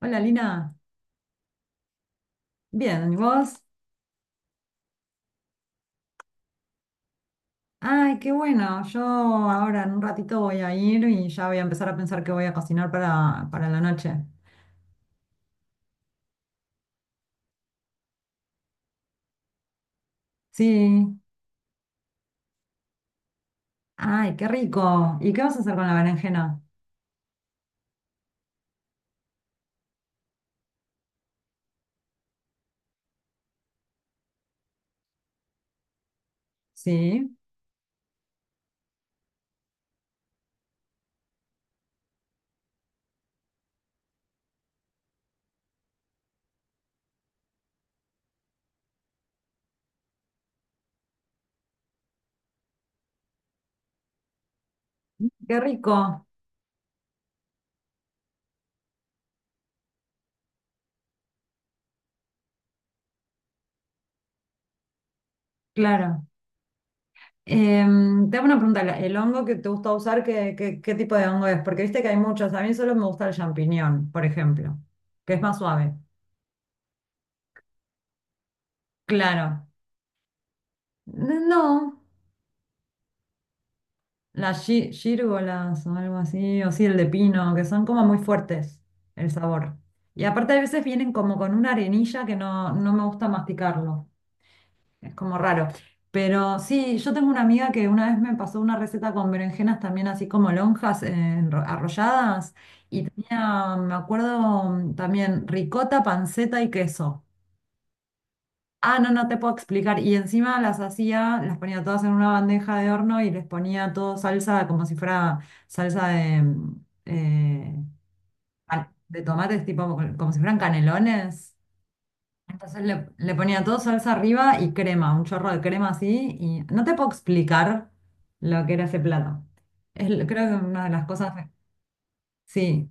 Hola Lina, bien, ¿y vos? Ay, qué bueno, yo ahora en un ratito voy a ir y ya voy a empezar a pensar qué voy a cocinar para la noche. Sí, ay, qué rico. ¿Y qué vas a hacer con la berenjena? Sí, qué rico, claro. Te hago una pregunta, ¿el hongo que te gusta usar, qué tipo de hongo es? Porque viste que hay muchos, a mí solo me gusta el champiñón, por ejemplo, que es más suave. Claro. No. Las gírgolas o algo así, o sí, el de pino, que son como muy fuertes el sabor. Y aparte a veces vienen como con una arenilla que no me gusta masticarlo, es como raro. Pero sí, yo tengo una amiga que una vez me pasó una receta con berenjenas también así como lonjas arrolladas y tenía, me acuerdo, también ricota, panceta y queso. Ah, no, no te puedo explicar. Y encima las hacía, las ponía todas en una bandeja de horno y les ponía todo salsa como si fuera salsa de, eh, ah, de tomates, tipo como si fueran canelones. Entonces le ponía todo salsa arriba y crema, un chorro de crema así. Y no te puedo explicar lo que era ese plato. Es, l- creo que una de las cosas. Sí.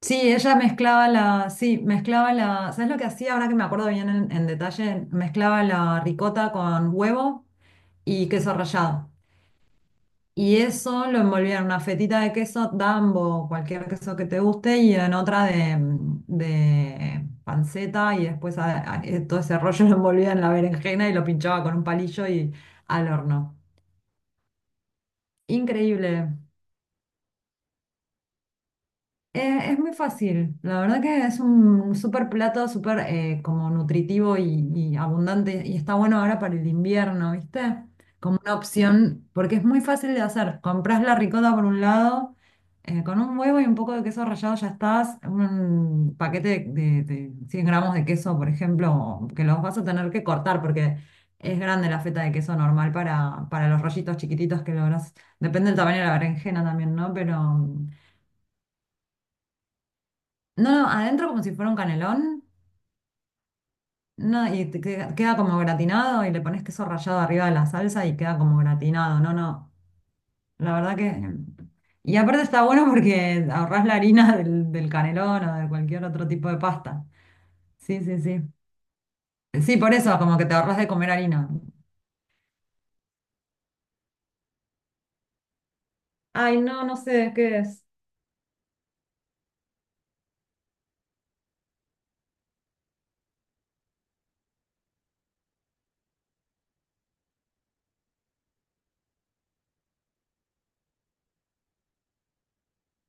Sí, ella mezclaba sí, mezclaba la, ¿sabes lo que hacía? Ahora que me acuerdo bien en detalle, mezclaba la ricota con huevo y queso rallado. Y eso lo envolvía en una fetita de queso Dambo, cualquier queso que te guste, y en otra de panceta, y después todo ese rollo lo envolvía en la berenjena y lo pinchaba con un palillo y al horno. Increíble. Es muy fácil, la verdad que es un súper plato, súper como nutritivo y abundante y está bueno ahora para el invierno, ¿viste? Como una opción, porque es muy fácil de hacer. Comprás la ricota por un lado, con un huevo y un poco de queso rallado ya estás, un paquete de 100 gramos de queso, por ejemplo, que los vas a tener que cortar porque es grande la feta de queso normal para los rollitos chiquititos que lográs. Depende del tamaño de la berenjena también, ¿no? Pero... No, no, adentro como si fuera un canelón. No, y te queda, queda como gratinado y le pones queso rallado arriba de la salsa y queda como gratinado. No, no, la verdad que... Y aparte está bueno porque ahorrás la harina del canelón o de cualquier otro tipo de pasta. Sí, sí, sí. Sí, por eso, como que te ahorras de comer harina. Ay, no, no sé de qué es.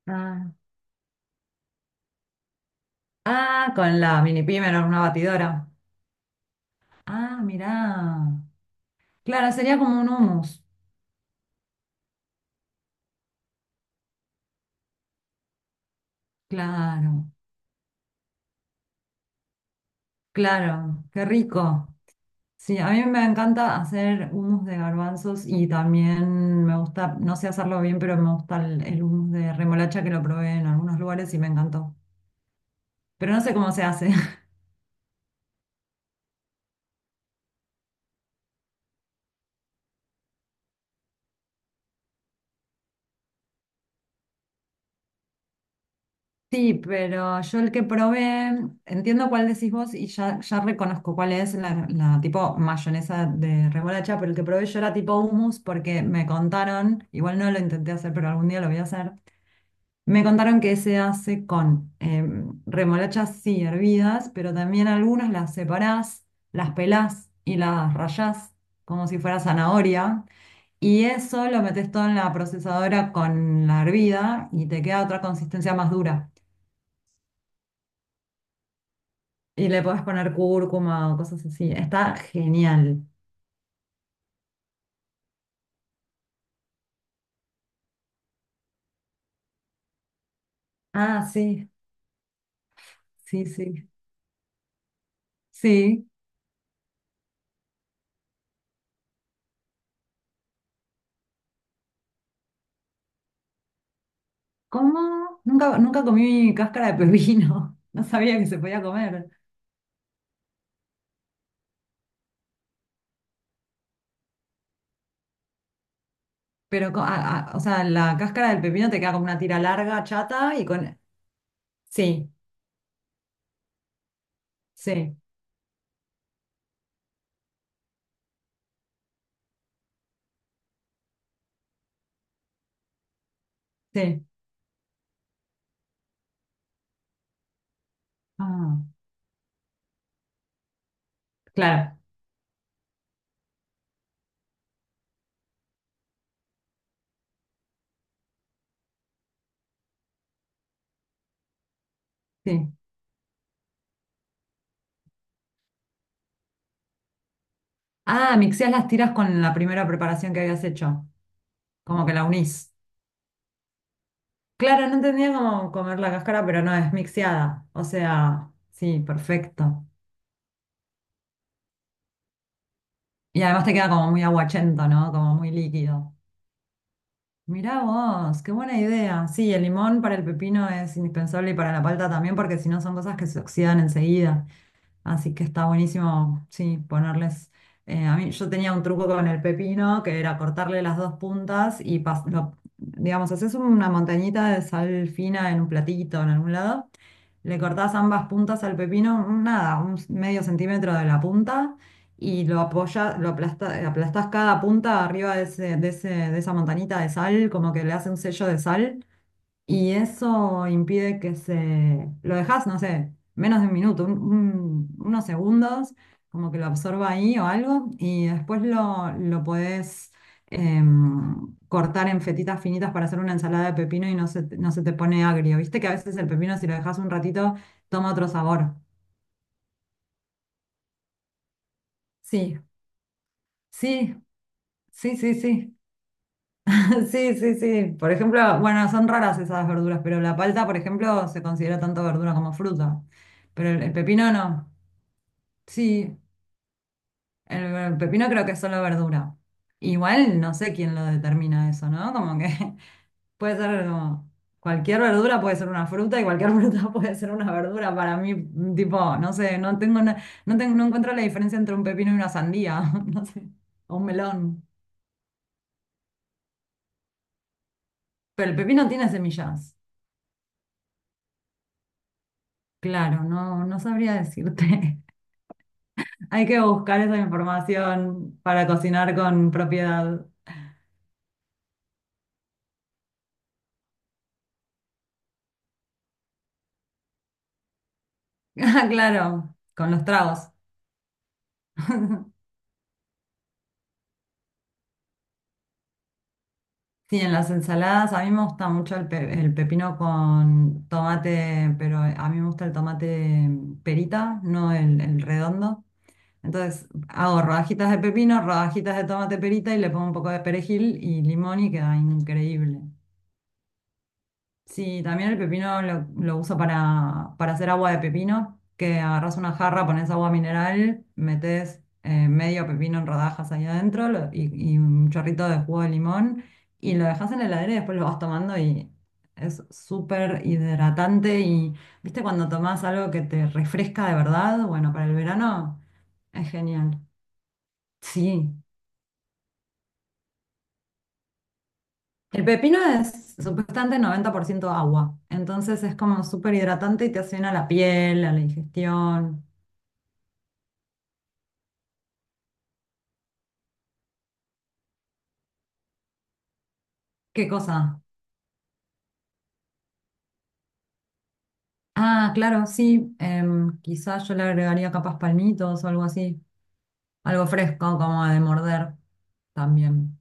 Ah, ah, con la mini pimer en una batidora. Ah, mirá. Claro, sería como un hummus. Claro, claro, qué rico. Sí, a mí me encanta hacer hummus de garbanzos y también me gusta, no sé hacerlo bien, pero me gusta el hummus de remolacha que lo probé en algunos lugares y me encantó. Pero no sé cómo se hace. Sí, pero yo el que probé, entiendo cuál decís vos y ya reconozco cuál es la tipo mayonesa de remolacha, pero el que probé yo era tipo hummus porque me contaron, igual no lo intenté hacer, pero algún día lo voy a hacer. Me contaron que se hace con remolachas, sí, hervidas, pero también algunas las separás, las pelás y las rayás como si fuera zanahoria. Y eso lo metes todo en la procesadora con la hervida y te queda otra consistencia más dura. Y le podés poner cúrcuma o cosas así. Está genial. Ah, sí, sí, sí. Sí. ¿Cómo? Nunca, nunca comí cáscara de pepino. No sabía que se podía comer. Pero, o sea, la cáscara del pepino te queda como una tira larga, chata y con... Sí, sí, sí. Ah, claro, sí. Ah, mixeás las tiras con la primera preparación que habías hecho, como que la unís. Claro, no entendía cómo comer la cáscara, pero no, es mixeada. O sea, sí, perfecto. Y además te queda como muy aguachento, ¿no? Como muy líquido. Mirá vos, qué buena idea. Sí, el limón para el pepino es indispensable y para la palta también, porque si no son cosas que se oxidan enseguida. Así que está buenísimo, sí, ponerles. A mí, yo tenía un truco con el pepino que era cortarle las dos puntas y digamos, haces una montañita de sal fina en un platito, en algún lado. Le cortás ambas puntas al pepino, nada, un medio centímetro de la punta y lo apoyas, aplastás cada punta arriba de de esa montañita de sal, como que le hace un sello de sal y eso impide que se... Lo dejas, no sé, menos de un minuto, unos segundos, como que lo absorba ahí o algo, y después lo podés cortar en fetitas finitas para hacer una ensalada de pepino y no se, no se te pone agrio. Viste que a veces el pepino, si lo dejas un ratito, toma otro sabor. Sí, sí, sí, sí, sí. Sí, sí, sí. Por ejemplo, bueno, son raras esas verduras, pero la palta, por ejemplo, se considera tanto verdura como fruta, pero el pepino no. Sí, el pepino creo que es solo verdura. Igual no sé quién lo determina eso, ¿no? Como que puede ser como cualquier verdura puede ser una fruta y cualquier fruta puede ser una verdura. Para mí, tipo, no sé, no tengo, no encuentro la diferencia entre un pepino y una sandía, no sé, o un melón. Pero el pepino tiene semillas. Claro, no, no sabría decirte. Hay que buscar esa información para cocinar con propiedad. Ah, claro, con los tragos. Sí, en las ensaladas a mí me gusta mucho el pepino con tomate, pero a mí me gusta el tomate perita, no el redondo. Entonces hago rodajitas de pepino, rodajitas de tomate perita y le pongo un poco de perejil y limón y queda increíble. Sí, también el pepino lo uso para hacer agua de pepino, que agarras una jarra, pones agua mineral, metes medio pepino en rodajas ahí adentro y un chorrito de jugo de limón y lo dejas en la heladera y después lo vas tomando y es súper hidratante y, ¿viste? Cuando tomás algo que te refresca de verdad, bueno, para el verano es genial. Sí, el pepino es supuestamente 90% agua, entonces es como súper hidratante y te hace bien a la piel, a la digestión. ¿Qué cosa? Ah, claro, sí, quizás yo le agregaría capas palmitos o algo así, algo fresco como de morder también.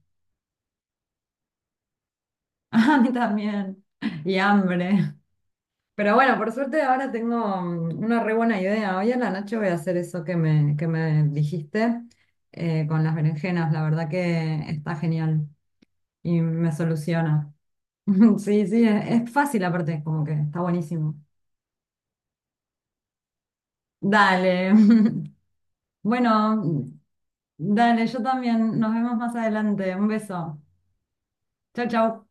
A mí también, y hambre. Pero bueno, por suerte ahora tengo una re buena idea. Hoy en la noche voy a hacer eso que me dijiste con las berenjenas, la verdad que está genial y me soluciona. Sí, es fácil aparte, como que está buenísimo. Dale. Bueno, dale, yo también. Nos vemos más adelante. Un beso. Chau, chau.